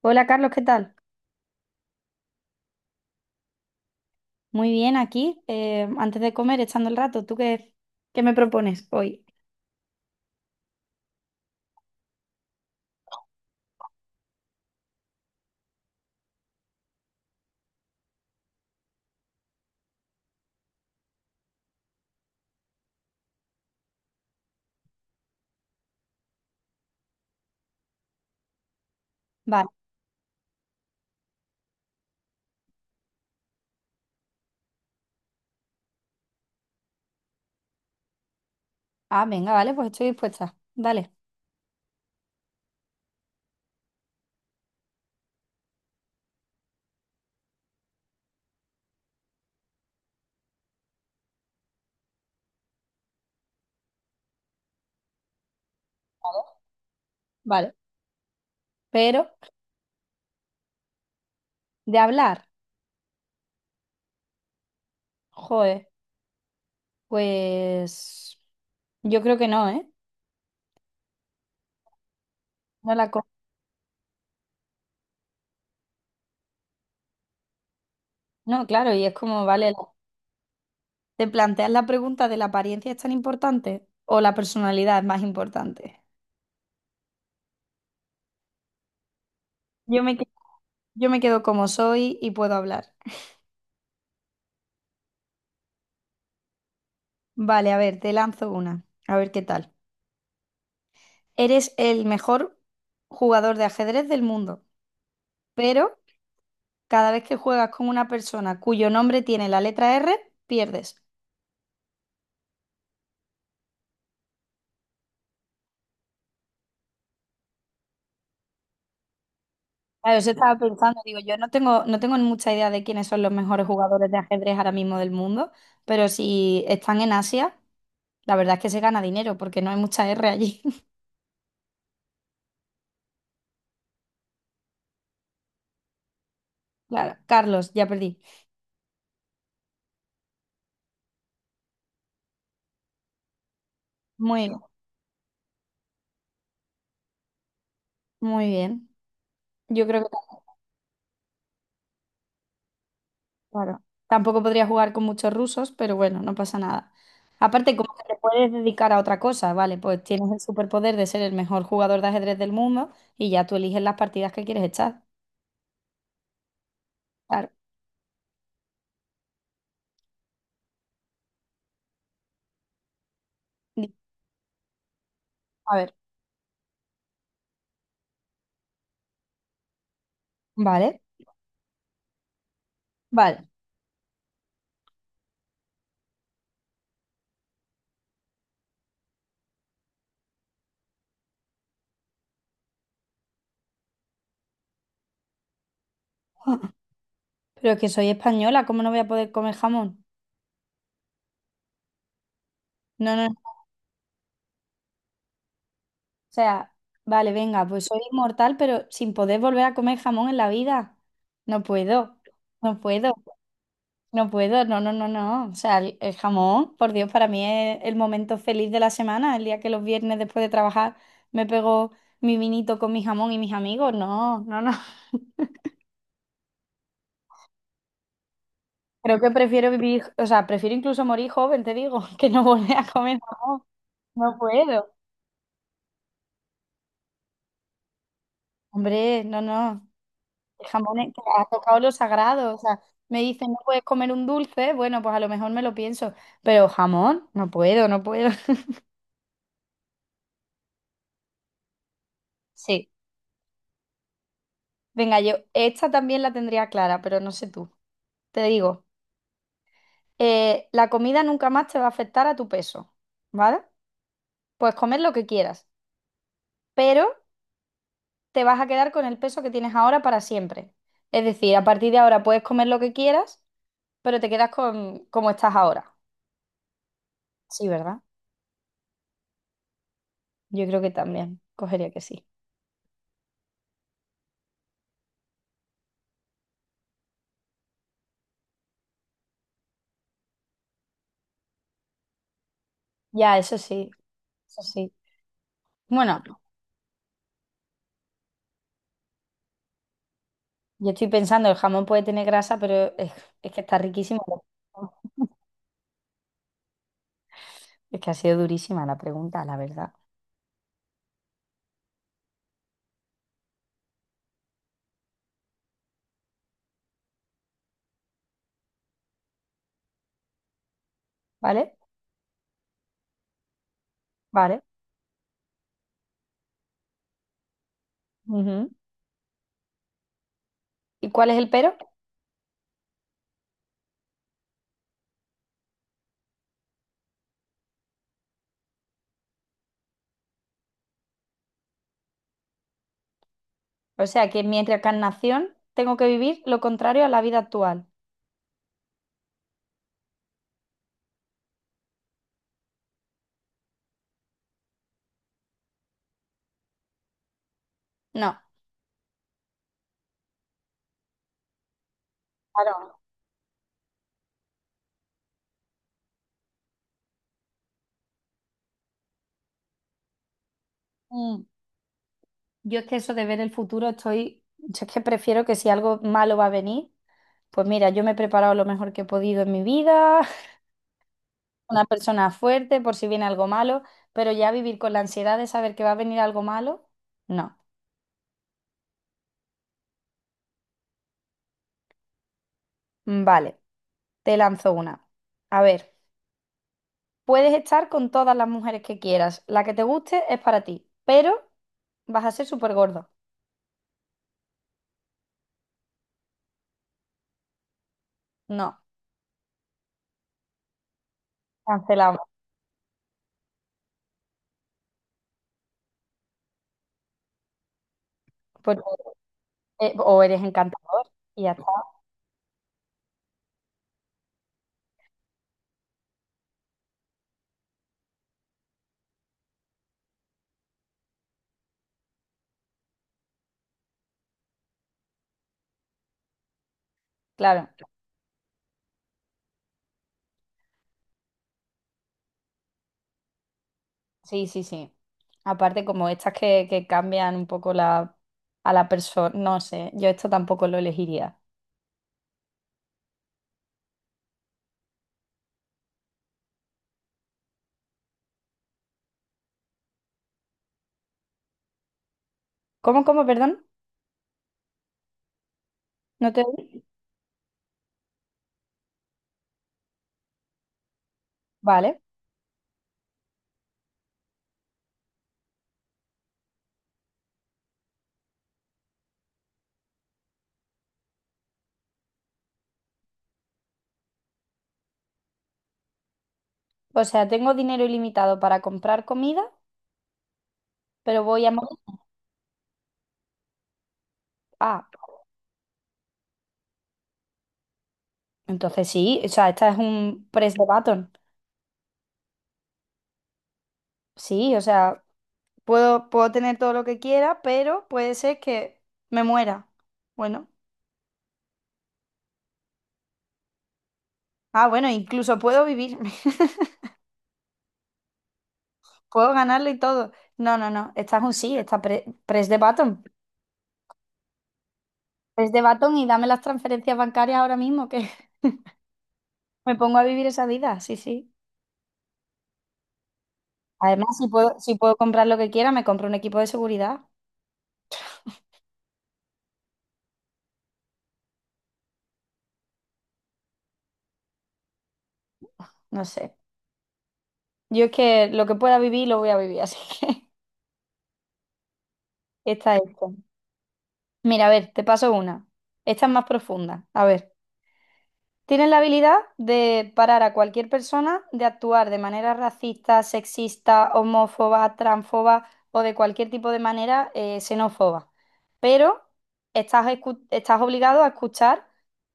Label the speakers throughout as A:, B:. A: Hola Carlos, ¿qué tal? Muy bien, aquí, antes de comer, echando el rato. ¿Tú qué me propones hoy? Vale. Ah, venga, vale, pues estoy dispuesta. Dale. Vale. Pero, de hablar, joder, pues yo creo que no, ¿eh? No la co- No, claro, y es como, vale, te planteas la pregunta de la apariencia es tan importante o la personalidad es más importante. Yo me, que- yo me quedo como soy y puedo hablar. Vale, a ver, te lanzo una. A ver qué tal. Eres el mejor jugador de ajedrez del mundo, pero cada vez que juegas con una persona cuyo nombre tiene la letra R, pierdes. Claro, eso estaba pensando, digo, yo no tengo, no tengo mucha idea de quiénes son los mejores jugadores de ajedrez ahora mismo del mundo, pero si están en Asia, la verdad es que se gana dinero porque no hay mucha R allí. Claro, Carlos, ya perdí. Muy, muy bien. Yo creo que claro. Tampoco podría jugar con muchos rusos, pero bueno, no pasa nada. Aparte, como que te puedes dedicar a otra cosa, ¿vale? Pues tienes el superpoder de ser el mejor jugador de ajedrez del mundo y ya tú eliges las partidas que quieres echar. Claro. Di- A ver, vale, vale. Pero es que soy española, ¿cómo no voy a poder comer jamón? No, no, no. O sea, vale, venga, pues soy inmortal, pero sin poder volver a comer jamón en la vida. No puedo, no puedo. No puedo, no, no, no, no. O sea, el jamón, por Dios, para mí es el momento feliz de la semana, el día que los viernes después de trabajar me pego mi vinito con mi jamón y mis amigos. No, no, no. Creo que prefiero vivir, o sea, prefiero incluso morir joven, te digo, que no volver a comer jamón. No puedo. Hombre, no, no. El jamón es que ha tocado lo sagrado. O sea, me dicen, no puedes comer un dulce. Bueno, pues a lo mejor me lo pienso, pero jamón, no puedo, no puedo. Sí. Venga, yo esta también la tendría clara, pero no sé tú. Te digo, la comida nunca más te va a afectar a tu peso, ¿vale? Puedes comer lo que quieras, pero te vas a quedar con el peso que tienes ahora para siempre. Es decir, a partir de ahora puedes comer lo que quieras, pero te quedas con como estás ahora. Sí, ¿verdad? Yo creo que también cogería que sí. Ya, eso sí, eso sí. Bueno, yo estoy pensando, el jamón puede tener grasa, pero es que está riquísimo. Es que ha sido durísima la pregunta, la verdad. ¿Vale? Vale. Ujú. ¿Y cuál es el pero? O sea que mi reencarnación tengo que vivir lo contrario a la vida actual. No, claro. Mm. Yo es que eso de ver el futuro estoy, yo es que prefiero que si algo malo va a venir, pues mira, yo me he preparado lo mejor que he podido en mi vida, una persona fuerte por si viene algo malo, pero ya vivir con la ansiedad de saber que va a venir algo malo, no. Mm, vale, te lanzo una. A ver, puedes estar con todas las mujeres que quieras, la que te guste es para ti, pero vas a ser súper gordo. No, cancelamos. O eres encantador y ya está. Claro, sí, sí, sí. Aparte, como estas que cambian un poco la, a la persona, no sé, yo esto tampoco lo elegiría. ¿Cómo, cómo, perdón? ¿No te oí? Vale. O sea, tengo dinero ilimitado para comprar comida, pero voy a morir. Ah, entonces sí, o sea, esta es un press de button. Sí, o sea, puedo tener todo lo que quiera, pero puede ser que me muera. Bueno. Ah, bueno, incluso puedo vivir. Puedo ganarlo y todo. No, no, no. Esta es un sí, esta press de button. Press de button y dame las transferencias bancarias ahora mismo, que me pongo a vivir esa vida. Sí, sí. Además, si puedo comprar lo que quiera, me compro un equipo de seguridad. No sé. Yo es que lo que pueda vivir, lo voy a vivir, así que está esto. Mira, a ver, te paso una. Esta es más profunda. A ver. Tienen la habilidad de parar a cualquier persona de actuar de manera racista, sexista, homófoba, transfoba o de cualquier tipo de manera xenófoba. Pero estás obligado a escuchar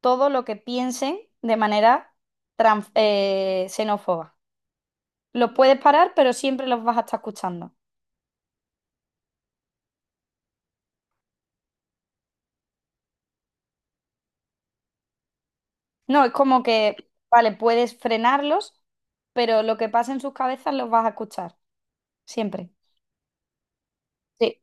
A: todo lo que piensen de manera xenófoba. Los puedes parar, pero siempre los vas a estar escuchando. No, es como que, vale, puedes frenarlos, pero lo que pasa en sus cabezas los vas a escuchar. Siempre. Sí,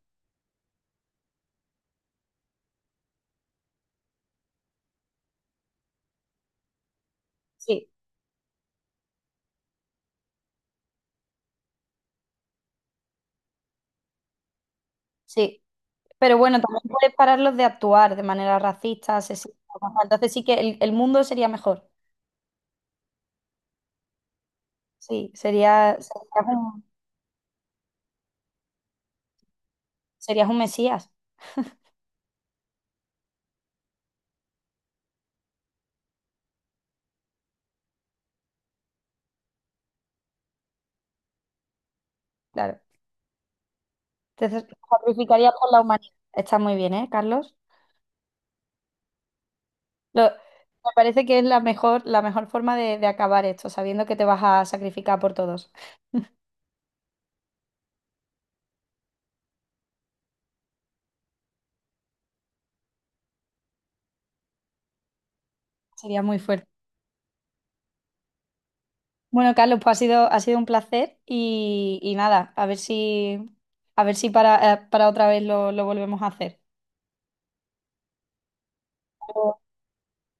A: sí, sí. Pero bueno, también puedes pararlos de actuar de manera racista, asesina. Entonces sí que el mundo sería mejor. Sí, serías un mesías, claro. Entonces sacrificarías por la humanidad. Está muy bien, ¿eh, Carlos? Me parece que es la mejor forma de acabar esto, sabiendo que te vas a sacrificar por todos. Sería muy fuerte. Bueno, Carlos, pues ha sido un placer y nada, a ver si para, para otra vez lo volvemos a hacer.